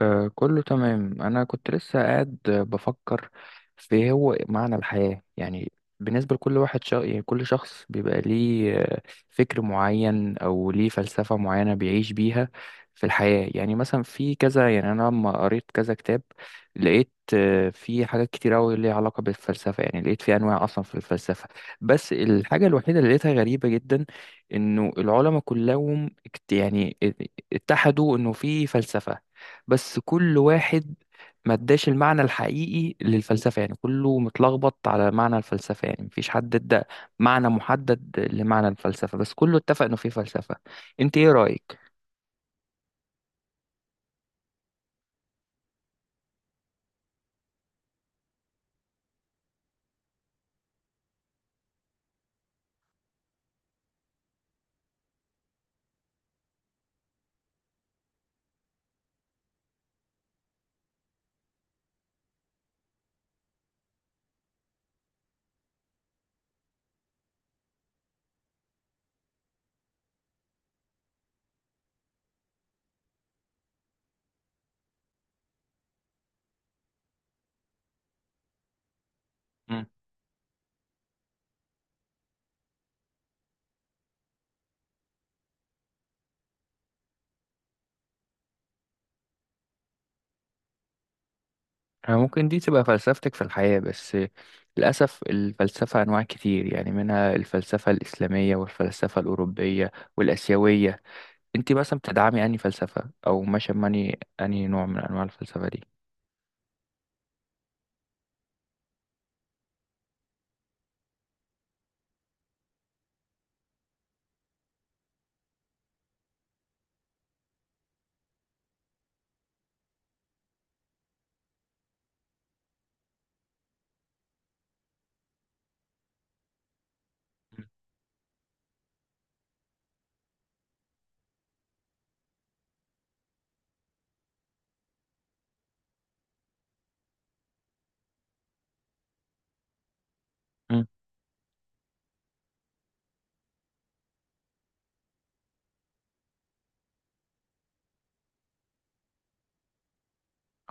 آه كله تمام. أنا كنت لسه قاعد، بفكر في هو معنى الحياة، يعني بالنسبة لكل واحد يعني كل شخص بيبقى ليه فكر معين أو ليه فلسفة معينة بيعيش بيها في الحياة. يعني مثلا في كذا، يعني أنا لما قريت كذا كتاب لقيت في حاجات كتير أوي ليها علاقة بالفلسفة. يعني لقيت في أنواع أصلا في الفلسفة، بس الحاجة الوحيدة اللي لقيتها غريبة جدا إنه العلماء كلهم يعني اتحدوا إنه في فلسفة، بس كل واحد ما اداش المعنى الحقيقي للفلسفة. يعني كله متلخبط على معنى الفلسفة، يعني مفيش حد ادى معنى محدد لمعنى الفلسفة، بس كله اتفق انه في فلسفة. انت ايه رأيك؟ مم. أنا ممكن دي تبقى فلسفتك في الحياة، بس للأسف الفلسفة أنواع كتير، يعني منها الفلسفة الإسلامية والفلسفة الأوروبية والآسيوية. انت مثلا بتدعمي أنهي فلسفة، أو ماشية ماني أنهي نوع من أنواع الفلسفة دي؟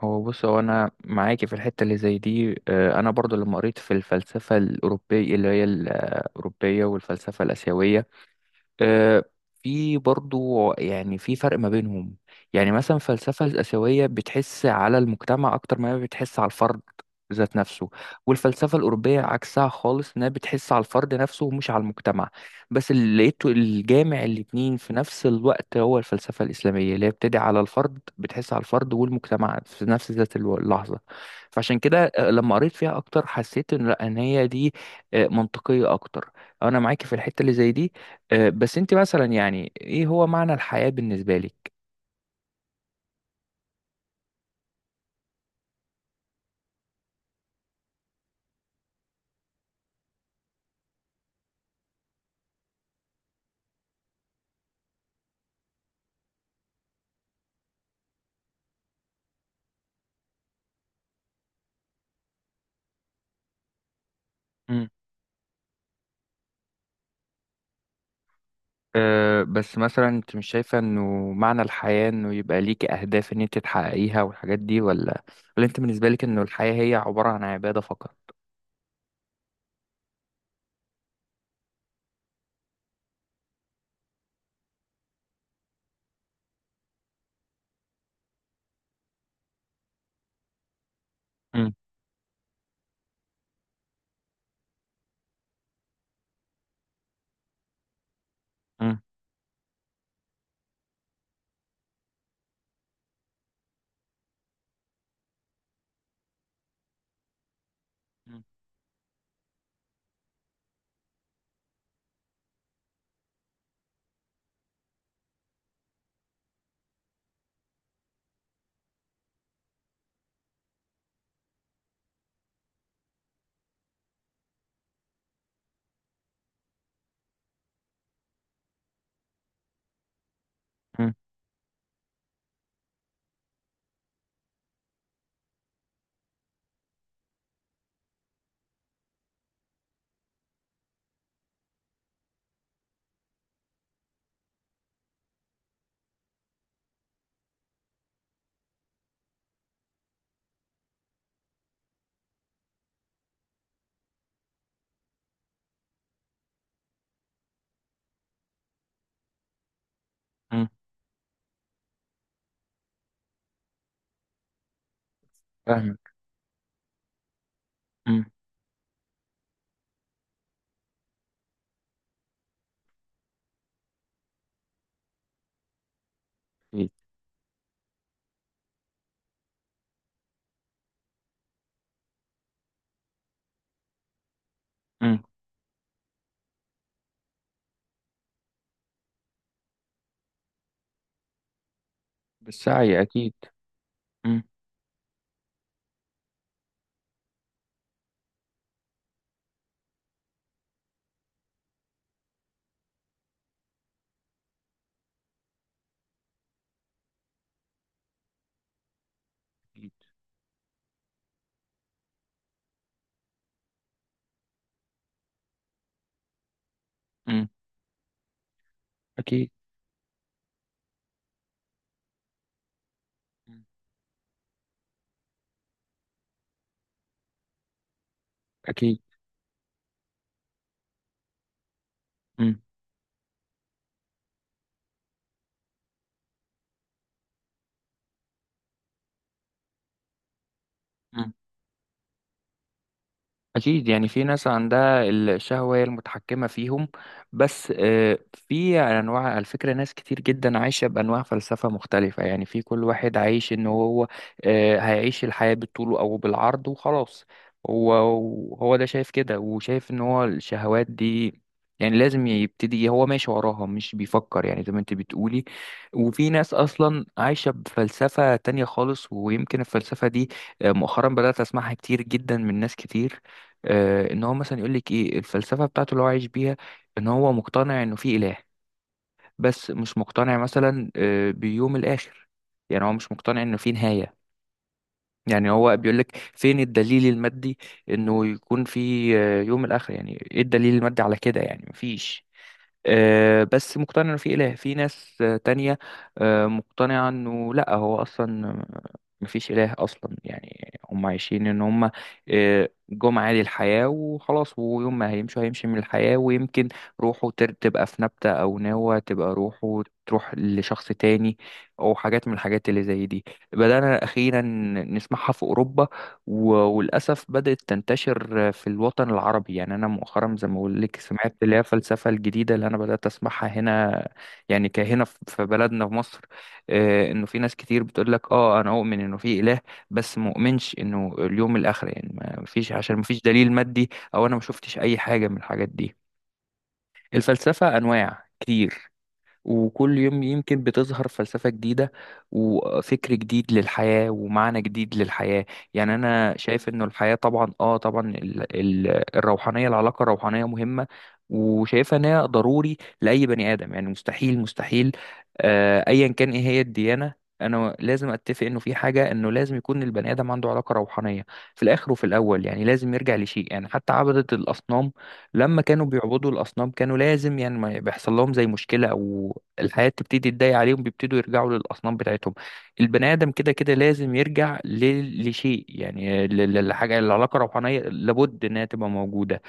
هو بص، هو انا معاكي في الحته اللي زي دي. انا برضو لما قريت في الفلسفه الاوروبيه اللي هي الاوروبيه والفلسفه الاسيويه، آه، في برضو يعني في فرق ما بينهم. يعني مثلا الفلسفة الآسيوية بتحس على المجتمع أكتر ما هي بتحس على الفرد ذات نفسه، والفلسفة الأوروبية عكسها خالص، إنها بتحس على الفرد نفسه ومش على المجتمع. بس اللي لقيته الجامع الاتنين في نفس الوقت هو الفلسفة الإسلامية، اللي هي بتدعي على الفرد، بتحس على الفرد والمجتمع في نفس ذات اللحظة. فعشان كده لما قريت فيها أكتر حسيت إن لأ، إن هي دي منطقية أكتر. أنا معاكي في الحتة اللي زي دي. بس انت مثلا يعني ايه هو معنى الحياة بالنسبة لك؟ مم. بس مثلا انت مش شايفة انه معنى الحياة انه يبقى ليكي اهداف ان انت تحققيها والحاجات دي، ولا انت بالنسبة لك انه الحياة هي عبارة عن عبادة فقط؟ مم. مم. مم. مم. مم. فاهمك. مم. أكيد. مم. بالسعي اكيد. مم. أكيد. مم. أكيد. مم. أكيد مم. أكيد يعني في ناس عندها الشهوة هي المتحكمة فيهم. بس في أنواع على فكرة، ناس كتير جدا عايشة بأنواع فلسفة مختلفة. يعني في كل واحد عايش إن هو هيعيش الحياة بالطول أو بالعرض وخلاص. هو هو ده شايف كده، وشايف إن هو الشهوات دي يعني لازم يبتدي، هو ماشي وراها مش بيفكر، يعني زي ما انت بتقولي. وفي ناس اصلا عايشه بفلسفه تانية خالص، ويمكن الفلسفه دي مؤخرا بدات اسمعها كتير جدا من ناس كتير. ان هو مثلا يقول لك ايه الفلسفه بتاعته اللي هو عايش بيها، ان هو مقتنع انه في اله، بس مش مقتنع مثلا بيوم الاخر. يعني هو مش مقتنع انه في نهايه، يعني هو بيقول لك فين الدليل المادي انه يكون في يوم الاخر، يعني ايه الدليل المادي على كده؟ يعني مفيش. بس مقتنع انه في اله. في ناس تانية مقتنعة انه لا، هو اصلا مفيش اله اصلا. يعني هم عايشين ان هم جم عادي الحياة وخلاص، ويوم ما هيمشوا هيمشي من الحياة. ويمكن روحه تبقى في نبتة او نوى، تبقى روحه تروح لشخص تاني، او حاجات من الحاجات اللي زي دي. بدأنا أخيرا نسمعها في أوروبا وللأسف بدأت تنتشر في الوطن العربي. يعني أنا مؤخرا زي ما بقول لك سمعت اللي هي الفلسفة الجديدة اللي أنا بدأت أسمعها هنا، يعني كهنا في بلدنا في مصر. إنه في ناس كتير بتقول لك أنا أؤمن إنه في إله، بس مؤمنش إنه اليوم الآخر. يعني ما فيش، عشان ما فيش دليل مادي، أو أنا ما شفتش أي حاجة من الحاجات دي. الفلسفة أنواع كتير، وكل يوم يمكن بتظهر فلسفة جديدة وفكر جديد للحياة ومعنى جديد للحياة. يعني أنا شايف إنه الحياة طبعا طبعا الروحانية، العلاقة الروحانية مهمة، وشايفها إن هي ضروري لأي بني آدم. يعني مستحيل مستحيل أيا كان إيه هي الديانة، أنا لازم أتفق إنه في حاجة، إنه لازم يكون البني آدم عنده علاقة روحانية في الآخر وفي الأول. يعني لازم يرجع لشيء، يعني حتى عبدة الأصنام لما كانوا بيعبدوا الأصنام كانوا لازم، يعني ما بيحصل لهم زي مشكلة أو الحياة تبتدي تضايق عليهم بيبتدوا يرجعوا للأصنام بتاعتهم. البني آدم كده كده لازم يرجع لشيء، يعني لحاجة. العلاقة الروحانية لابد إنها تبقى موجودة.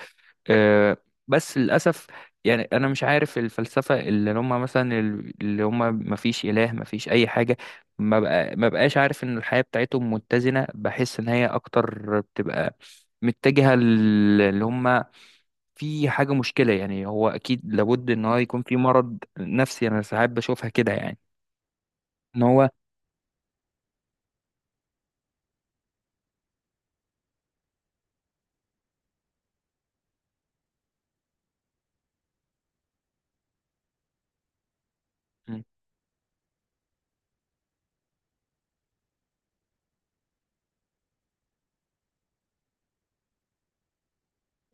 آه، بس للأسف يعني أنا مش عارف الفلسفة اللي هم، مثلا اللي هم ما فيش إله ما فيش أي حاجة، ما بقاش عارف إن الحياة بتاعتهم متزنة. بحس إن هي أكتر بتبقى متجهة، اللي هم في حاجة مشكلة. يعني هو أكيد لابد إن هو يكون في مرض نفسي، أنا ساعات بشوفها كده يعني. إن هو م-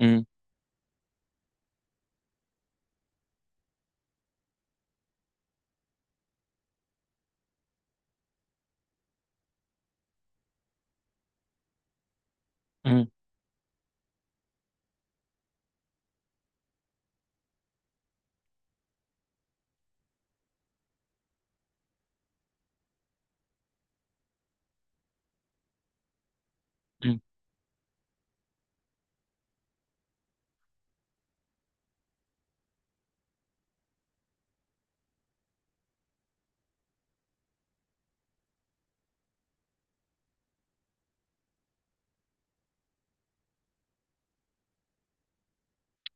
م- م- م.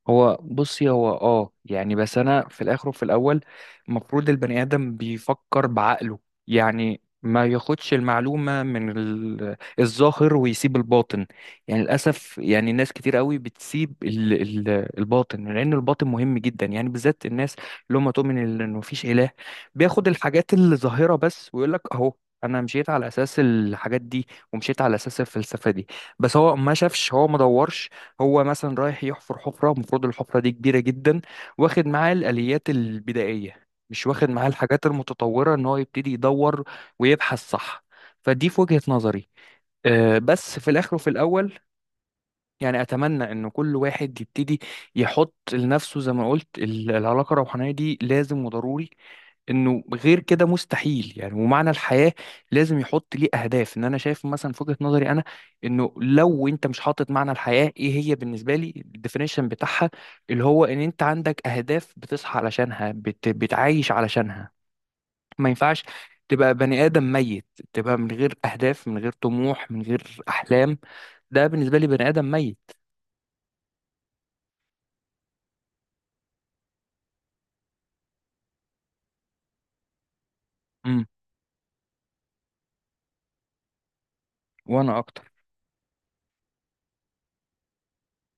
هو بصي، هو يعني، بس انا في الاخر وفي الاول المفروض البني ادم بيفكر بعقله. يعني ما ياخدش المعلومه من الظاهر ويسيب الباطن. يعني للاسف يعني ناس كتير قوي بتسيب الباطن، لان الباطن مهم جدا، يعني بالذات الناس اللي هم تؤمن انه مفيش اله، بياخد الحاجات الظاهره بس ويقول لك اهو، انا مشيت على اساس الحاجات دي ومشيت على اساس الفلسفه دي. بس هو ما شافش، هو ما دورش. هو مثلا رايح يحفر حفرة، المفروض الحفرة دي كبيرة جدا، واخد معاه الآليات البدائية مش واخد معاه الحاجات المتطورة ان هو يبتدي يدور ويبحث، صح؟ فدي في وجهة نظري. بس في الآخر وفي الأول، يعني أتمنى إن كل واحد يبتدي يحط لنفسه زي ما قلت العلاقة الروحانية دي لازم وضروري، انه غير كده مستحيل. يعني ومعنى الحياة لازم يحط ليه اهداف، ان انا شايف مثلا في وجهة نظري انا انه لو انت مش حاطط معنى الحياة ايه هي بالنسبة لي، الديفينيشن بتاعها اللي هو ان انت عندك اهداف بتصحى علشانها بتعايش علشانها. ما ينفعش تبقى بني آدم ميت، تبقى من غير اهداف من غير طموح من غير احلام. ده بالنسبة لي بني آدم ميت. امم. وانا اكتر.